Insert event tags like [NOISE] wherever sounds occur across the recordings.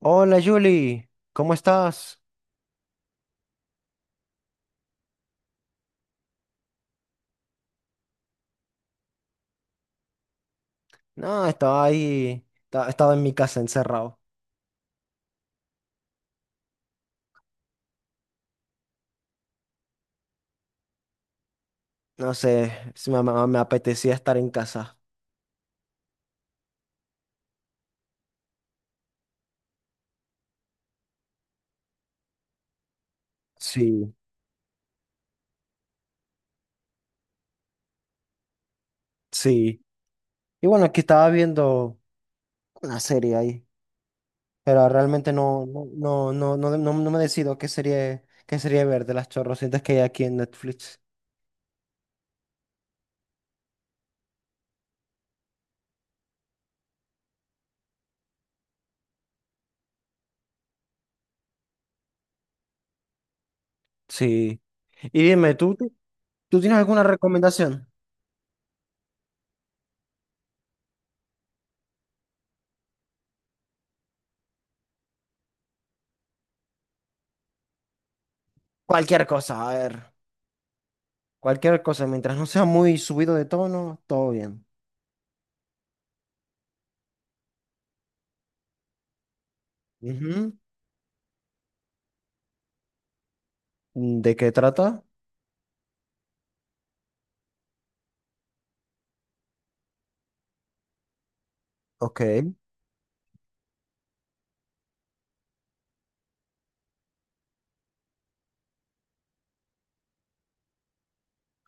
Hola Julie, ¿cómo estás? No, estaba ahí, estaba en mi casa encerrado. No sé, si me apetecía estar en casa. Sí, sí. Y bueno, aquí estaba viendo una serie ahí, pero realmente no me decido qué serie ver de las chorrocientas que hay aquí en Netflix. Sí. Y dime, ¿tú tienes alguna recomendación? Cualquier cosa, a ver, cualquier cosa, mientras no sea muy subido de tono, todo bien. Ujú. Mm, ¿de qué trata? Ok,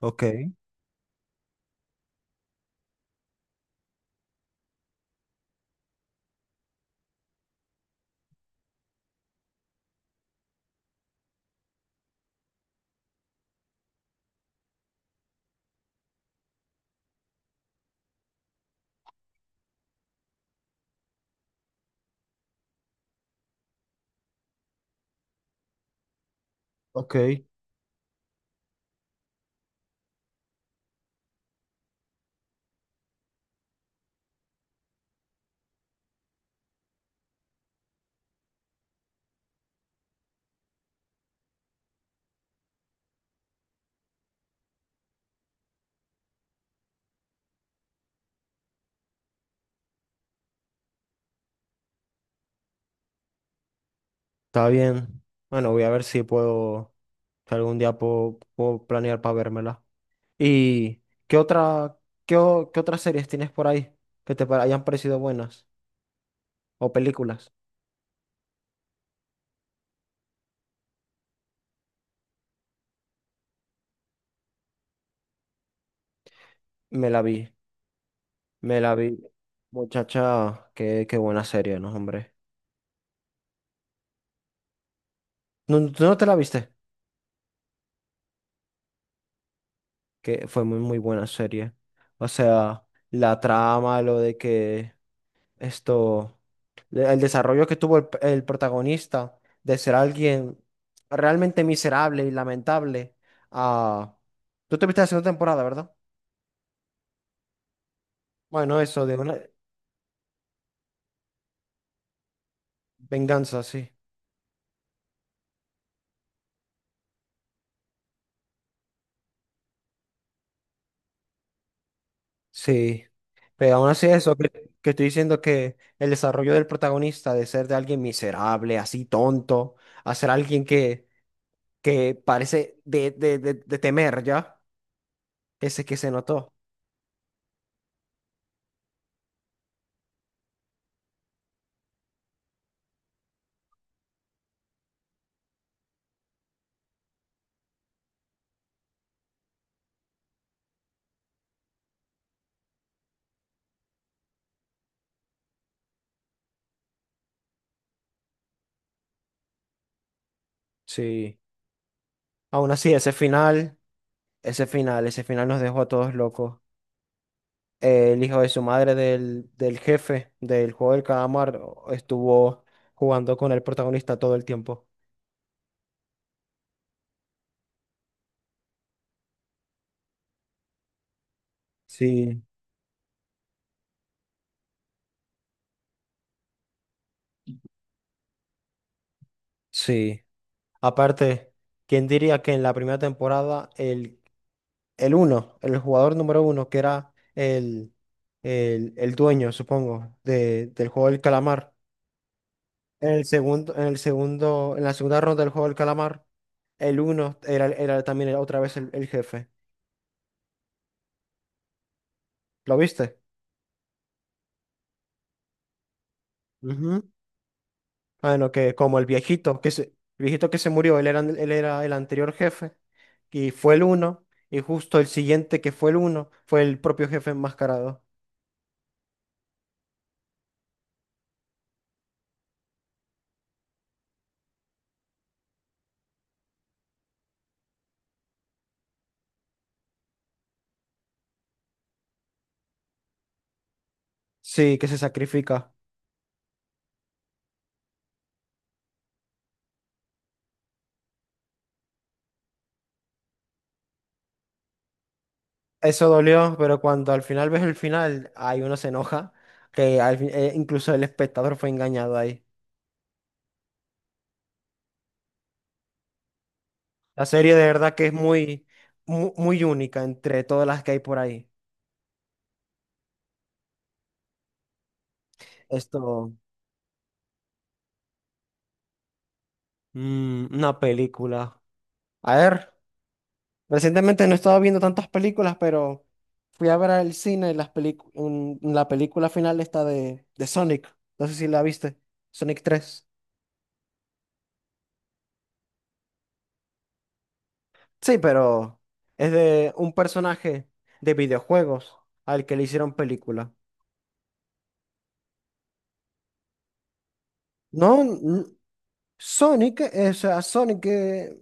ok, ok, está bien. Bueno, voy a ver si algún día puedo planear para vérmela. ¿Y qué otra, qué otras series tienes por ahí que hayan parecido buenas? ¿O películas? Me la vi, me la vi. Muchacha, qué buena serie, ¿no, hombre? ¿No, tú no te la viste? Que fue muy, muy buena serie. O sea, la trama, lo de que esto, el desarrollo que tuvo el protagonista de ser alguien realmente miserable y lamentable a... Tú te viste la segunda temporada, ¿verdad? Bueno, eso de una venganza, sí. Sí. Pero aún así eso que estoy diciendo que el desarrollo del protagonista de ser de alguien miserable, así tonto, a ser alguien que parece de temer ya, ese que se notó. Sí. Aún así, ese final. Ese final, ese final nos dejó a todos locos. El hijo de su madre del jefe del juego del calamar estuvo jugando con el protagonista todo el tiempo. Sí, sí. Aparte, ¿quién diría que en la primera temporada el uno, el jugador número uno, que era el dueño, supongo, del juego del calamar, en la segunda ronda del juego del calamar, el uno era también otra vez el jefe? ¿Lo viste? Ujú. Bueno, que como el viejito que se murió, él era el anterior jefe y fue el uno, y justo el siguiente que fue el uno fue el propio jefe enmascarado. Sí, que se sacrifica. Eso dolió, pero cuando al final ves el final, ahí uno se enoja, que incluso el espectador fue engañado ahí. La serie de verdad que es muy, muy, única entre todas las que hay por ahí. Esto, una película. A ver. Recientemente no he estado viendo tantas películas, pero fui a ver al cine la película final esta de Sonic. No sé si la viste. Sonic 3. Sí, pero es de un personaje de videojuegos al que le hicieron película. No, Sonic, o sea, Sonic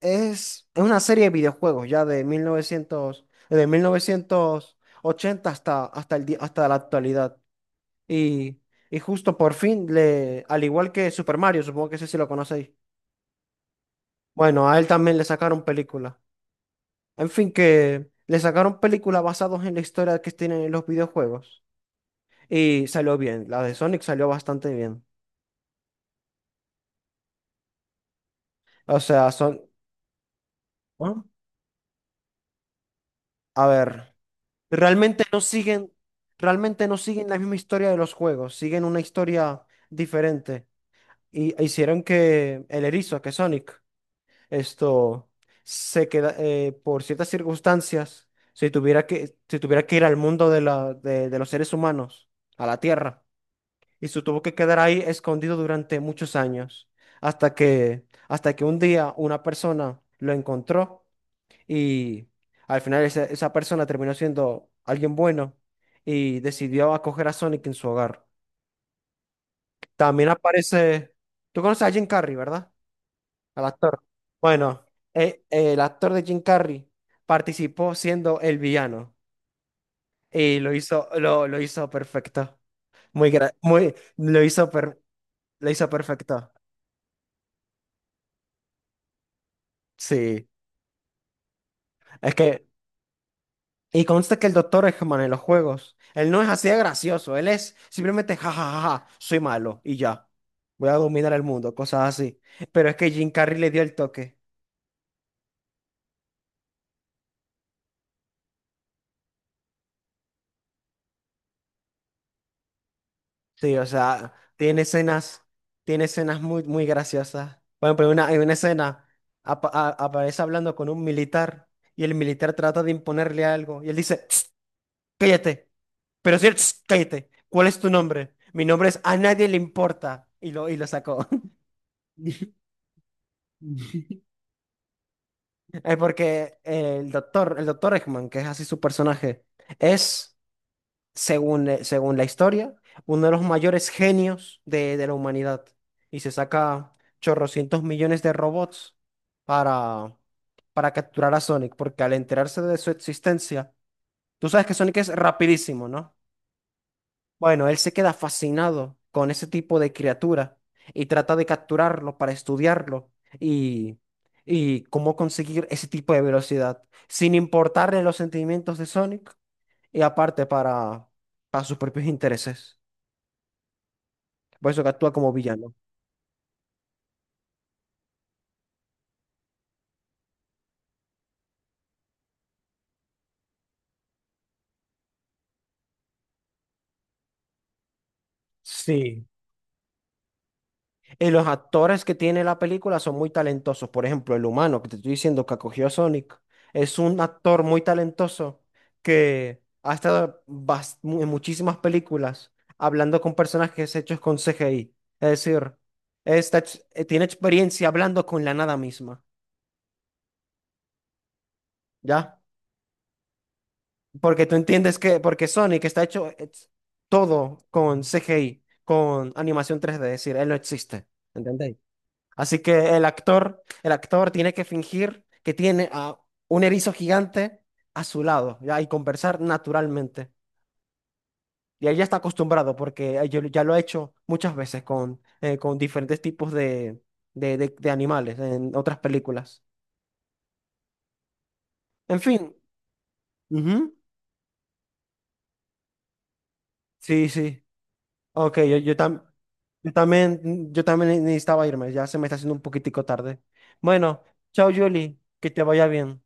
es una serie de videojuegos ya de 1980 hasta la actualidad. Y, y justo por fin, al igual que Super Mario, supongo que ese sí lo conocéis. Bueno, a él también le sacaron película. En fin, que le sacaron película basados en la historia que tienen en los videojuegos. Y salió bien. La de Sonic salió bastante bien. O sea, son. ¿Ah? A ver, realmente no siguen, realmente no siguen la misma historia de los juegos. Siguen una historia diferente. Y hicieron que el erizo, que Sonic, esto se queda por ciertas circunstancias, si tuviera que ir al mundo de los seres humanos, a la Tierra, y se tuvo que quedar ahí escondido durante muchos años, hasta que un día una persona lo encontró y al final esa persona terminó siendo alguien bueno y decidió acoger a Sonic en su hogar. También aparece, tú conoces a Jim Carrey, ¿verdad? Al actor. Bueno, el actor de Jim Carrey participó siendo el villano y lo hizo perfecto. Muy, gra- muy, lo hizo, per- Lo hizo perfecto. Sí, es que, y consta que el doctor Eggman en los juegos, él no es así de gracioso, él es simplemente jajajaja, soy malo y ya, voy a dominar el mundo, cosas así. Pero es que Jim Carrey le dio el toque. Sí, o sea, tiene escenas muy, muy graciosas. Por ejemplo, en una escena aparece hablando con un militar y el militar trata de imponerle algo y él dice: "Tss, cállate", pero si él, "Tss, cállate, ¿cuál es tu nombre? Mi nombre es A nadie le importa". Y lo sacó. [LAUGHS] [LAUGHS] Es porque el doctor Eggman, que es así su personaje, es... según la historia, uno de los mayores genios de la humanidad. Y se saca chorrocientos millones de robots para, para capturar a Sonic, porque al enterarse de su existencia, tú sabes que Sonic es rapidísimo, ¿no? Bueno, él se queda fascinado con ese tipo de criatura y trata de capturarlo para estudiarlo y, y cómo conseguir ese tipo de velocidad, sin importarle los sentimientos de Sonic y aparte para sus propios intereses. Por eso que actúa como villano. Sí, y los actores que tiene la película son muy talentosos. Por ejemplo, el humano que te estoy diciendo que acogió a Sonic es un actor muy talentoso que ha estado en muchísimas películas hablando con personajes hechos con CGI. Es decir, tiene experiencia hablando con la nada misma. ¿Ya? Porque tú entiendes porque Sonic está hecho todo con CGI, con animación 3D, es decir, él no existe, ¿entendéis? Así que el actor tiene que fingir que tiene a un erizo gigante a su lado, ¿ya? Y conversar naturalmente. Y él ya está acostumbrado porque yo ya lo he hecho muchas veces con diferentes tipos de animales en otras películas. En fin. Ujú. Sí, sí. Ok, yo también. Yo también necesitaba irme, ya se me está haciendo un poquitico tarde. Bueno, chao Julie, que te vaya bien.